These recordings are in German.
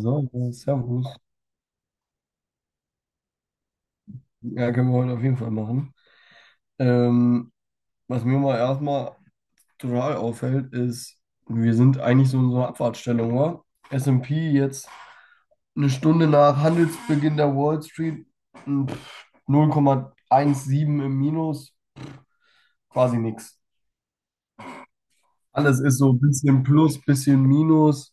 So, Servus. Ja, können wir heute auf jeden Fall machen. Ähm, was mir mal erstmal total auffällt, ist, wir sind eigentlich so in so einer Abfahrtsstellung, oder? S&P jetzt eine Stunde nach Handelsbeginn der Wall Street 0,17 im Minus, quasi nichts. Alles ist so ein bisschen plus, bisschen minus.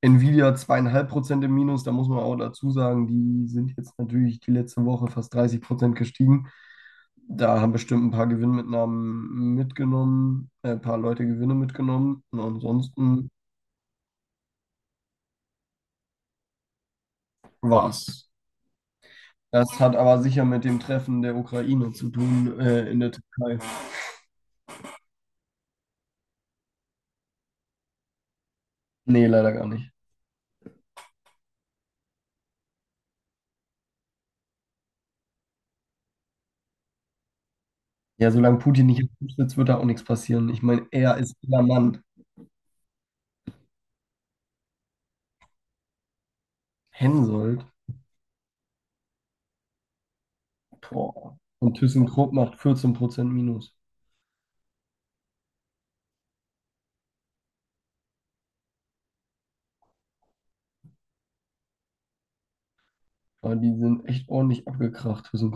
Nvidia 2,5% im Minus, da muss man auch dazu sagen, die sind jetzt natürlich die letzte Woche fast 30% gestiegen. Da haben bestimmt ein paar Gewinnmitnahmen mitgenommen, ein paar Leute Gewinne mitgenommen und ansonsten war's. Das hat aber sicher mit dem Treffen der Ukraine zu tun, in der Türkei. Nee, leider gar nicht. Ja, solange Putin nicht im Amt sitzt, wird da auch nichts passieren. Ich meine, er ist der Mann. Hensoldt, boah. Und ThyssenKrupp macht 14% Minus. Aber die sind echt ordentlich abgekracht für so.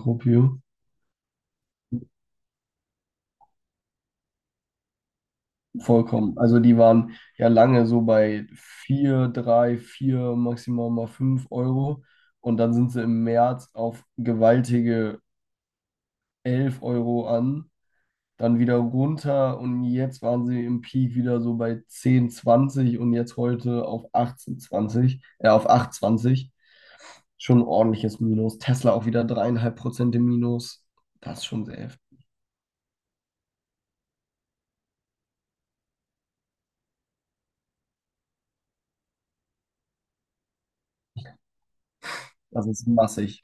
Vollkommen. Also die waren ja lange so bei 4, 3, 4 maximal mal 5 Euro. Und dann sind sie im März auf gewaltige 11 € an. Dann wieder runter und jetzt waren sie im Peak wieder so bei 10, 20 und jetzt heute auf 18, 20 auf 8, zwanzig. Schon ein ordentliches Minus. Tesla auch wieder 3,5% im Minus. Das ist schon sehr heftig. Das ist massig.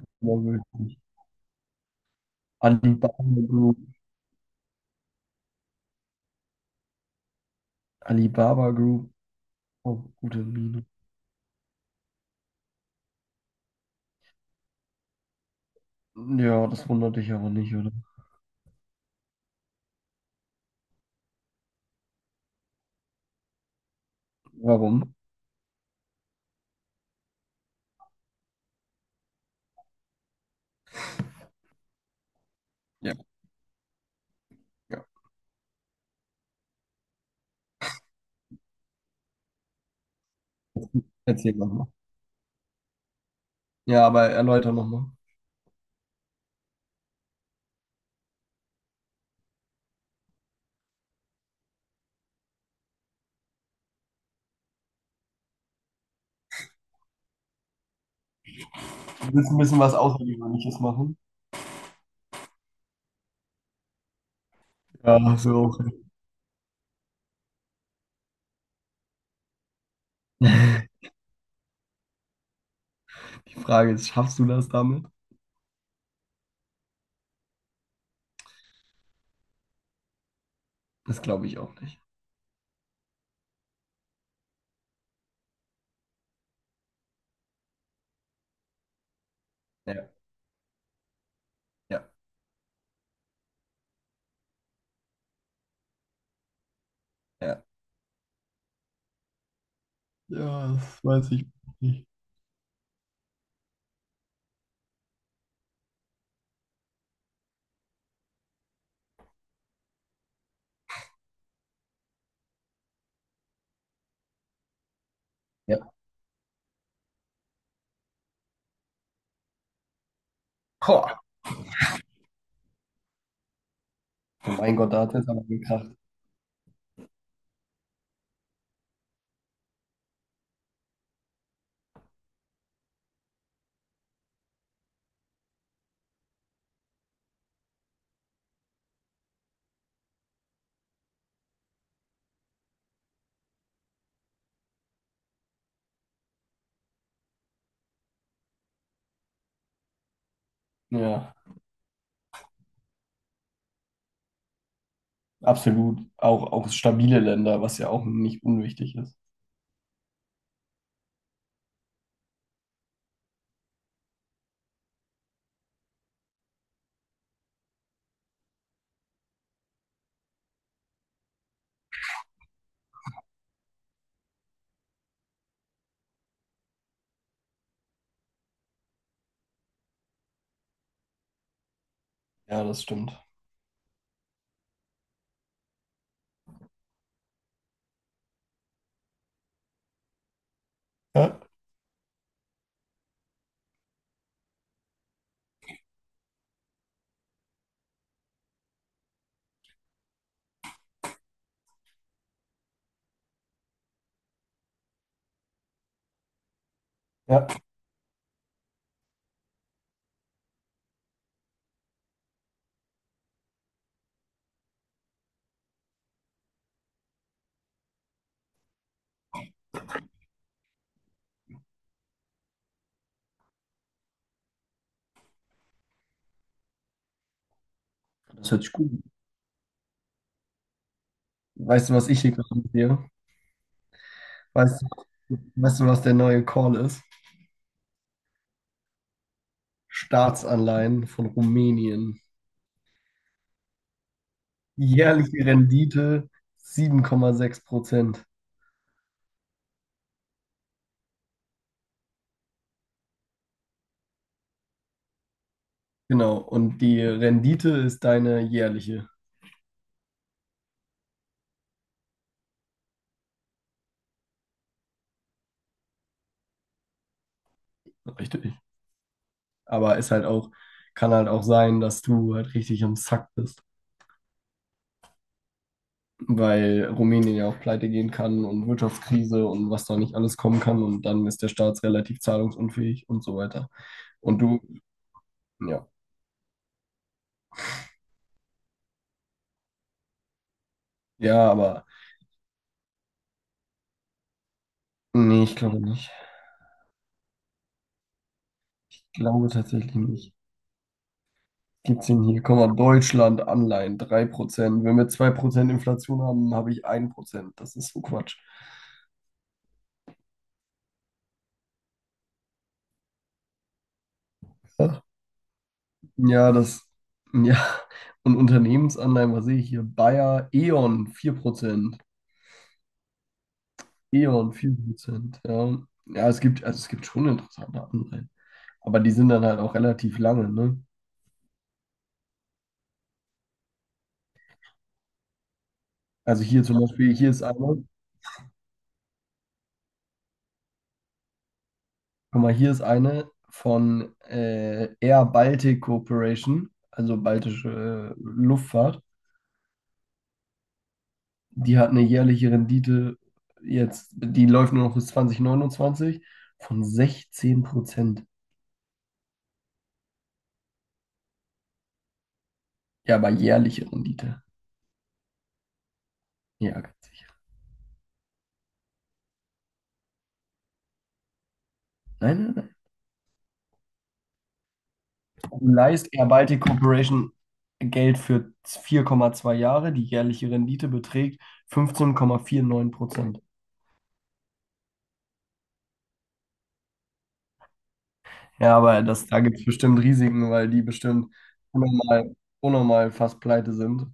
Ja, wirklich. Alibaba Group. Alibaba Group. Oh, gute Miene. Ja, das wundert dich aber nicht, oder? Warum? Ja, ja. Erzähl nochmal. Ja, aber erläuter nochmal. Du willst ein bisschen was Außergewöhnliches machen? Ja, so. Die Frage ist, schaffst du das damit? Das glaube ich auch nicht. Ja, ja, ja. Ja, das weiß ich nicht. Ja. Boah, oh mein Gott, da hat es aber gekracht. Ja, absolut. Auch stabile Länder, was ja auch nicht unwichtig ist. Ja, das stimmt. Ja, ja. Das hört sich gut. Weißt du, was ich hier gerade mit dir? Weißt weißt du, was der neue Call ist? Staatsanleihen von Rumänien. Jährliche Rendite 7,6%. Genau. Und die Rendite ist deine jährliche. Richtig. Aber ist halt auch, kann halt auch sein, dass du halt richtig am Sack bist, weil Rumänien ja auch pleite gehen kann und Wirtschaftskrise und was da nicht alles kommen kann. Und dann ist der Staat relativ zahlungsunfähig und so weiter. Und du, ja. Ja, aber nee, ich glaube nicht. Glaube tatsächlich nicht. Gibt's ihn hier? Guck mal, Deutschland Anleihen 3%. Wenn wir 2% Inflation haben, habe ich 1%. Das ist so Quatsch. Ach, ja, das, ja. Und Unternehmensanleihen, was sehe ich hier? Bayer, E.ON 4%. E.ON 4%. Ja. Ja, es gibt, also es gibt schon interessante Anleihen. Aber die sind dann halt auch relativ lange, ne? Also hier zum Beispiel, hier ist einer. Guck mal, hier ist eine von Air Baltic Corporation, also baltische Luftfahrt. Die hat eine jährliche Rendite jetzt, die läuft nur noch bis 2029 von 16%. Ja, aber jährliche Rendite. Ja, ganz sicher. Nein, nein, nein. Du leist Air Baltic Corporation Geld für 4,2 Jahre. Die jährliche Rendite beträgt 15,49%. Ja, aber das, da gibt es bestimmt Risiken, weil die bestimmt unnormal, unnormal fast pleite sind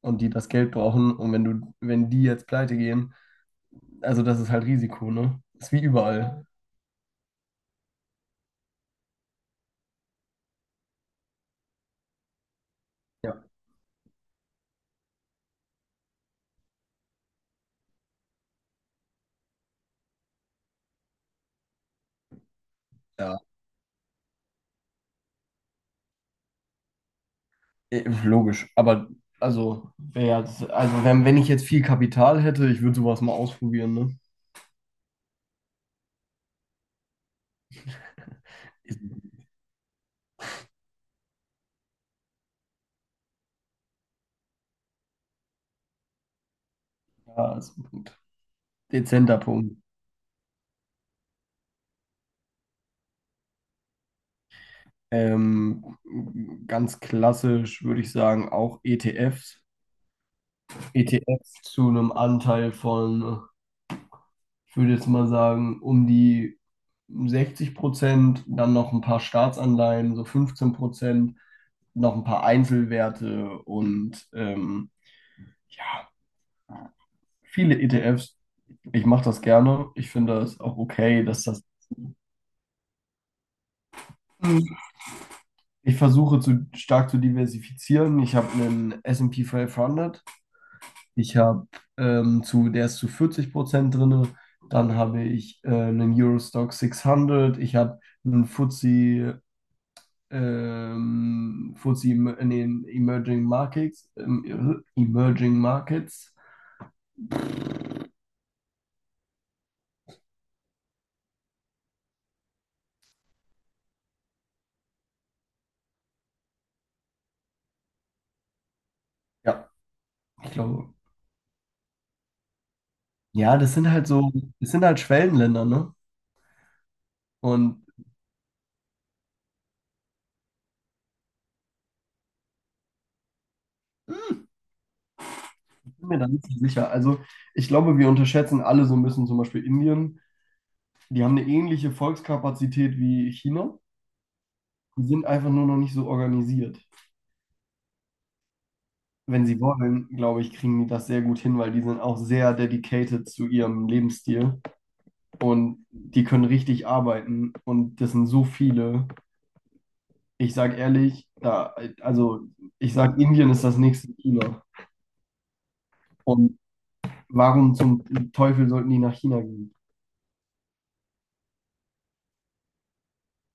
und die das Geld brauchen. Und wenn du, wenn die jetzt pleite gehen, also das ist halt Risiko, ne? Ist wie überall. Ja. Ja, eh, logisch. Aber also, wär ja, also wenn ich jetzt viel Kapital hätte, ich würde sowas mal ausprobieren, ne? Ist, ja, ist ein Punkt. Dezenter Punkt. Ähm, ganz klassisch würde ich sagen, auch ETFs. ETFs zu einem Anteil von ich würde jetzt mal sagen, um die 60%, dann noch ein paar Staatsanleihen, so 15%, noch ein paar Einzelwerte und ja, viele ETFs. Ich mache das gerne. Ich finde das auch okay, dass das. Ich versuche zu, stark zu diversifizieren. Ich habe einen S&P 500. Ich habe zu, der ist zu 40% drin. Dann habe ich einen Eurostock 600. Ich habe einen FTSE FTSE in den Emerging Markets. Ja, ich glaube. Ja, das sind halt Schwellenländer, ne? Und ich bin mir da nicht so sicher. Also ich glaube, wir unterschätzen alle so ein bisschen zum Beispiel Indien. Die haben eine ähnliche Volkskapazität wie China. Die sind einfach nur noch nicht so organisiert. Wenn sie wollen, glaube ich, kriegen die das sehr gut hin, weil die sind auch sehr dedicated zu ihrem Lebensstil und die können richtig arbeiten und das sind so viele. Ich sag ehrlich, da, also ich sag, Indien ist das nächste China. Und warum zum Teufel sollten die nach China gehen?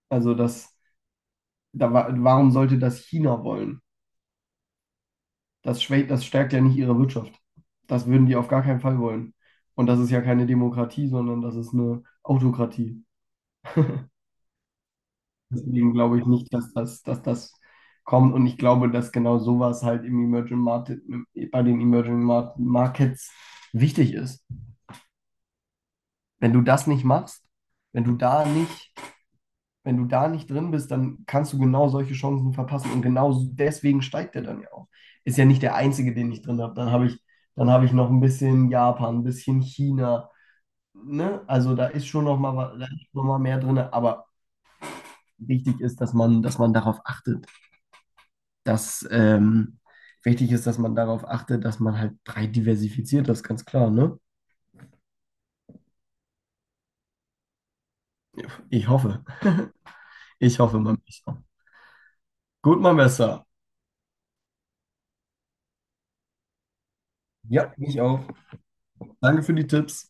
Also das, da, warum sollte das China wollen? Das schwächt, das stärkt ja nicht ihre Wirtschaft. Das würden die auf gar keinen Fall wollen. Und das ist ja keine Demokratie, sondern das ist eine Autokratie. Deswegen glaube ich nicht, dass das kommt. Und ich glaube, dass genau sowas halt im Emerging Market, bei den Emerging Markets wichtig ist. Wenn du das nicht machst, wenn du da nicht, wenn du da nicht drin bist, dann kannst du genau solche Chancen verpassen und genau deswegen steigt der dann ja auch. Ist ja nicht der einzige, den ich drin habe. Dann habe ich noch ein bisschen Japan, ein bisschen China. Ne? Also da ist schon noch mal, da ist noch mal mehr drin, aber wichtig ist, dass man darauf achtet, dass wichtig ist, dass man darauf achtet, dass man halt breit diversifiziert, das ist ganz klar, ne? Ich hoffe, ich hoffe, mein Besser. Gut, mein Besser. Ja, ich auch. Danke für die Tipps.